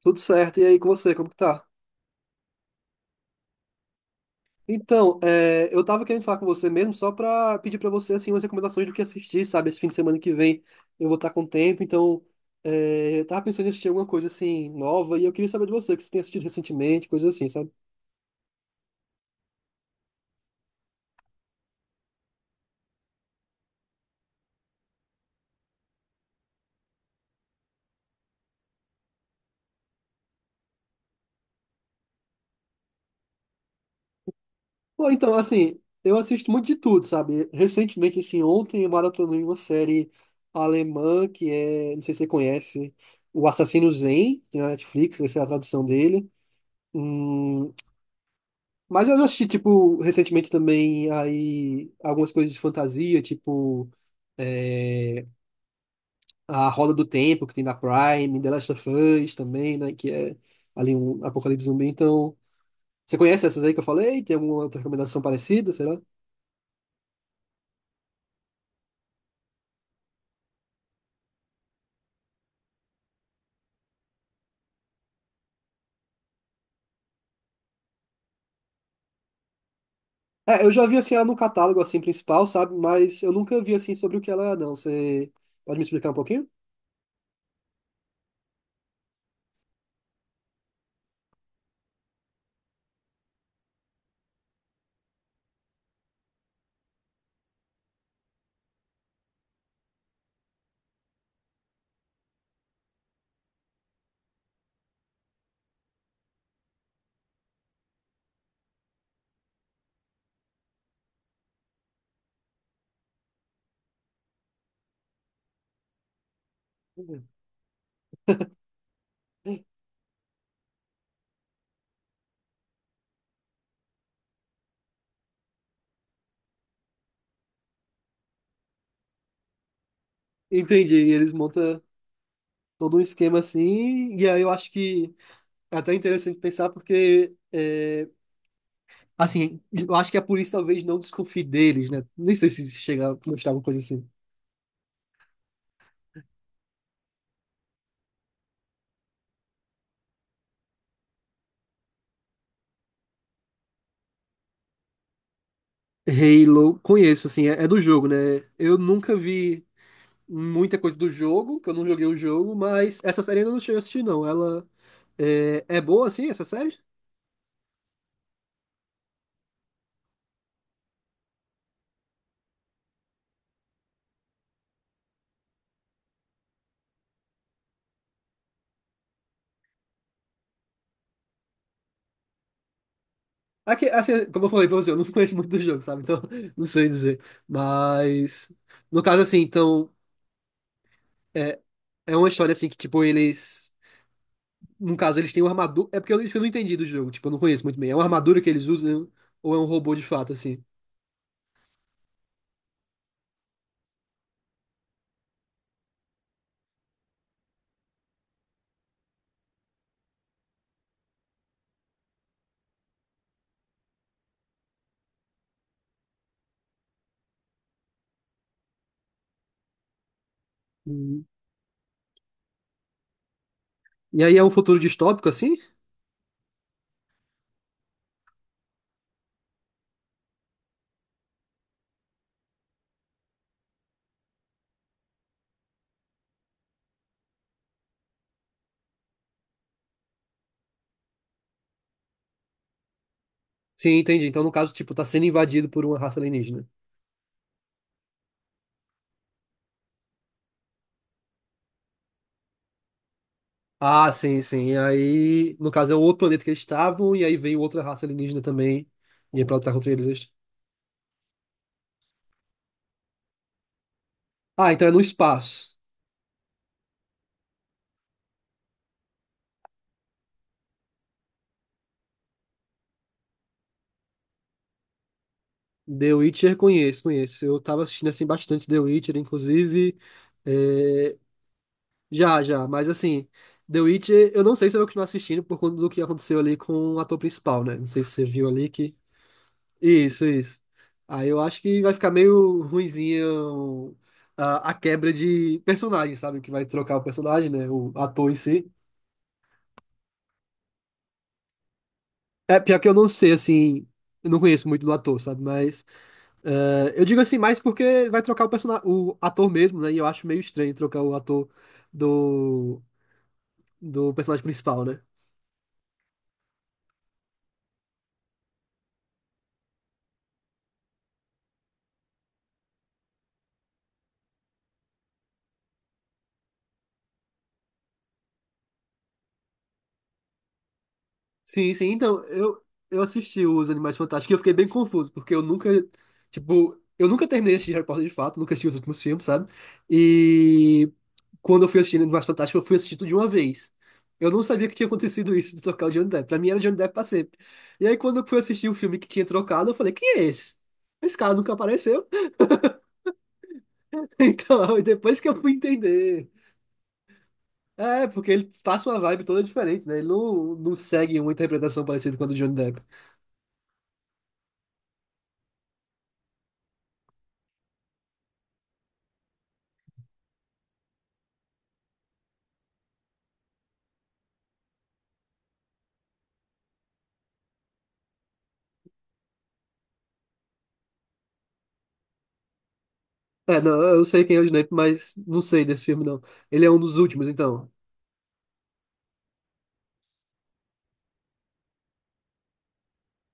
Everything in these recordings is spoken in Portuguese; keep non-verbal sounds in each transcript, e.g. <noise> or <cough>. Tudo certo, e aí com você, como que tá? Então, é, eu tava querendo falar com você mesmo só pra pedir pra você, assim, umas recomendações do que assistir, sabe? Esse fim de semana que vem eu vou estar com tempo, então é, eu tava pensando em assistir alguma coisa, assim, nova, e eu queria saber de você, o que você tem assistido recentemente, coisas assim, sabe? Bom, então, assim, eu assisto muito de tudo, sabe? Recentemente, assim, ontem eu maratonei uma série alemã que é, não sei se você conhece, O Assassino Zen, tem na Netflix, essa é a tradução dele. Hum. Mas eu já assisti, tipo, recentemente também aí algumas coisas de fantasia, tipo é, a Roda do Tempo, que tem na Prime, The Last of Us também, né? Que é ali um apocalipse zumbi. Então, você conhece essas aí que eu falei? Tem alguma outra recomendação parecida, sei lá? É, eu já vi assim ela no catálogo assim principal, sabe? Mas eu nunca vi assim sobre o que ela é, não. Você pode me explicar um pouquinho? Entendi. E eles montam todo um esquema assim, e aí eu acho que é até interessante pensar porque é, assim, eu acho que a polícia talvez não desconfie deles, né? Nem sei se chega a mostrar alguma coisa assim. Halo, conheço, assim, é do jogo, né? Eu nunca vi muita coisa do jogo, que eu não joguei o jogo, mas essa série eu ainda não cheguei a assistir, não. Ela é boa, assim, essa série? Aqui, assim, como eu falei pra você, eu não <laughs> conheço muito do jogo, sabe? Então, <laughs> não sei dizer. Mas, no caso, assim, então, é, é uma história, assim, que, tipo, eles... No caso, eles têm uma armadura... É porque eu, isso eu não entendi do jogo, tipo, eu não conheço muito bem. É uma armadura que eles usam ou é um robô de fato, assim? Hum. E aí é um futuro distópico, assim? Sim, entendi. Então, no caso, tipo, tá sendo invadido por uma raça alienígena. Ah, sim, sim. E aí, no caso, é um outro planeta que eles estavam, e aí veio outra raça alienígena também, e aí pra lutar contra eles. Ah, então é no espaço. The Witcher conheço, conheço. Eu tava assistindo assim bastante The Witcher, inclusive. É, já, já, mas assim, The Witcher, eu não sei se eu vou continuar assistindo por conta do que aconteceu ali com o ator principal, né? Não sei se você viu ali que. Isso, isso. Aí eu acho que vai ficar meio ruinzinho a quebra de personagem, sabe? Que vai trocar o personagem, né? O ator em si. É, pior que eu não sei, assim, eu não conheço muito do ator, sabe? Mas eu digo assim, mais porque vai trocar o personagem, o ator mesmo, né? E eu acho meio estranho trocar o ator do, do personagem principal, né? Sim, sim, então, eu assisti os Animais Fantásticos e eu fiquei bem confuso, porque eu nunca, tipo, eu nunca terminei de assistir Harry Potter de fato, nunca assisti os últimos filmes, sabe? E quando eu fui assistir Animais Fantásticos, eu fui assistir tudo de uma vez. Eu não sabia que tinha acontecido isso de trocar o Johnny Depp. Pra mim era Johnny Depp pra sempre. E aí, quando eu fui assistir o filme que tinha trocado, eu falei, quem é esse? Esse cara nunca apareceu. <laughs> Então, e depois que eu fui entender. É, porque ele passa uma vibe toda diferente, né? Ele não segue uma interpretação parecida com a do Johnny Depp. É, não, eu sei quem é o Johnny Depp, mas não sei desse filme, não. Ele é um dos últimos, então.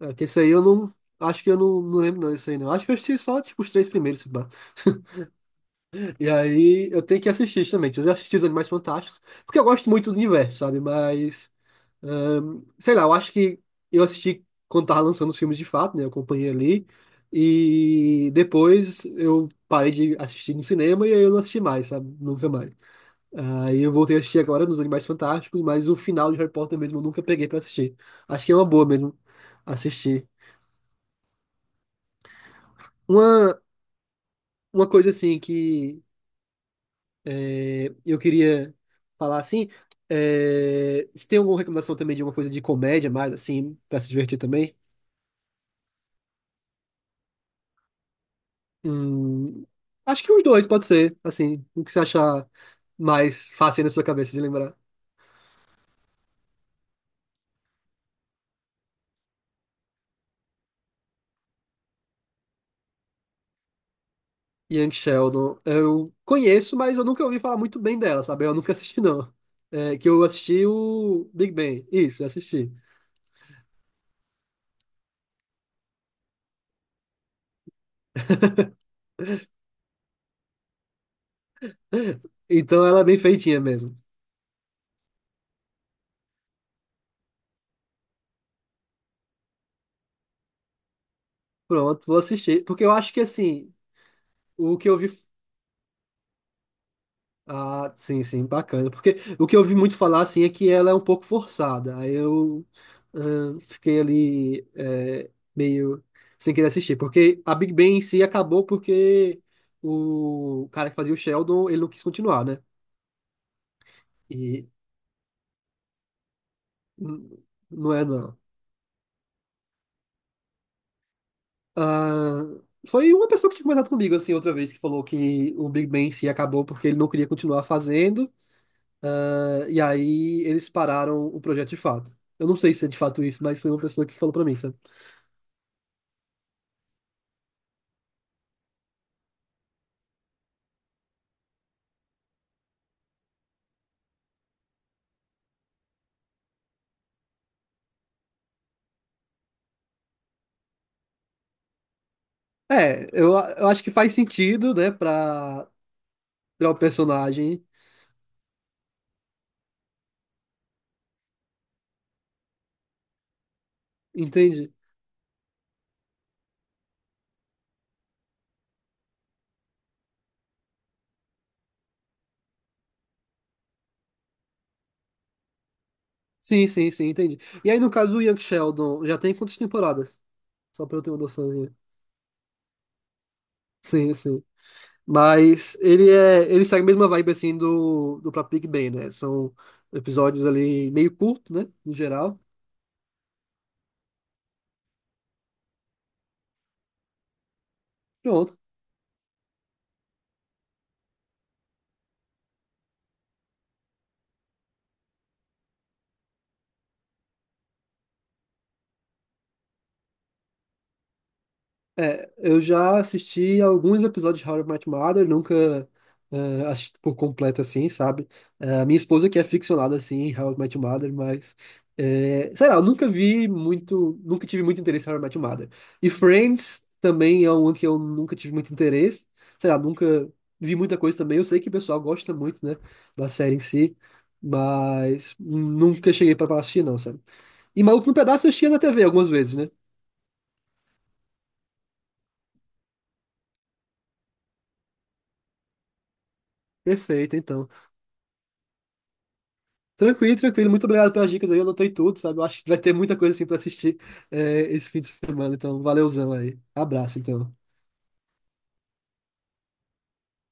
É, que esse aí eu não. Acho que eu não lembro, não, isso aí, não. Acho que eu assisti só, tipo, os três primeiros, se pá. <laughs> E aí eu tenho que assistir também. Eu já assisti os Animais Fantásticos, porque eu gosto muito do universo, sabe? Mas, sei lá, eu acho que eu assisti quando tava lançando os filmes de fato, né? Eu acompanhei ali. E depois eu parei de assistir no cinema e aí eu não assisti mais, sabe? Nunca mais. Aí eu voltei a assistir agora nos Animais Fantásticos, mas o final de Harry Potter mesmo eu nunca peguei pra assistir. Acho que é uma boa mesmo assistir. Uma, uma coisa assim que eu queria falar assim. É, se tem alguma recomendação também de alguma coisa de comédia, mais assim, pra se divertir também? Hum, acho que os dois, pode ser, assim, o que você achar mais fácil aí na sua cabeça de lembrar. Young Sheldon, eu conheço, mas eu nunca ouvi falar muito bem dela, sabe? Eu nunca <laughs> assisti, não. É, que eu assisti o Big Bang, isso, eu assisti. Então ela é bem feitinha mesmo. Pronto, vou assistir. Porque eu acho que, assim, o que eu vi. Ah, sim, sim, bacana. Porque o que eu ouvi muito falar, assim, é que ela é um pouco forçada. Aí eu fiquei ali, meio sem querer assistir. Porque a Big Bang em si acabou porque o cara que fazia o Sheldon, ele não quis continuar, né? E n- não é, não. Ah, foi uma pessoa que tinha conversado comigo, assim, outra vez, que falou que o Big Bang em si acabou porque ele não queria continuar fazendo. Ah, e aí eles pararam o projeto de fato. Eu não sei se é de fato isso, mas foi uma pessoa que falou pra mim, sabe? É, eu acho que faz sentido, né, pra criar o personagem. Entende? Sim, sim, sim, entendi. E aí, no caso do Young Sheldon, já tem quantas temporadas? Só pra eu ter uma noçãozinha. Sim, sim. Mas ele é, ele segue a mesma vibe assim do próprio Big Bang, né? São episódios ali meio curto, né? No geral. Pronto. É, eu já assisti alguns episódios de How I Met Your Mother, nunca assisti por completo assim, sabe? Minha esposa que é ficcionada assim, em How I Met Your Mother, mas sei lá, eu nunca vi muito, nunca tive muito interesse em How I Met Your Mother. E Friends também é um que eu nunca tive muito interesse, sei lá, nunca vi muita coisa também. Eu sei que o pessoal gosta muito, né, da série em si, mas nunca cheguei pra assistir não, sabe? E Maluco no Pedaço eu assistia na TV algumas vezes, né? Perfeito, então. Tranquilo, tranquilo. Muito obrigado pelas dicas aí. Eu anotei tudo, sabe? Eu acho que vai ter muita coisa assim pra assistir, esse fim de semana. Então, valeuzão aí. Abraço, então.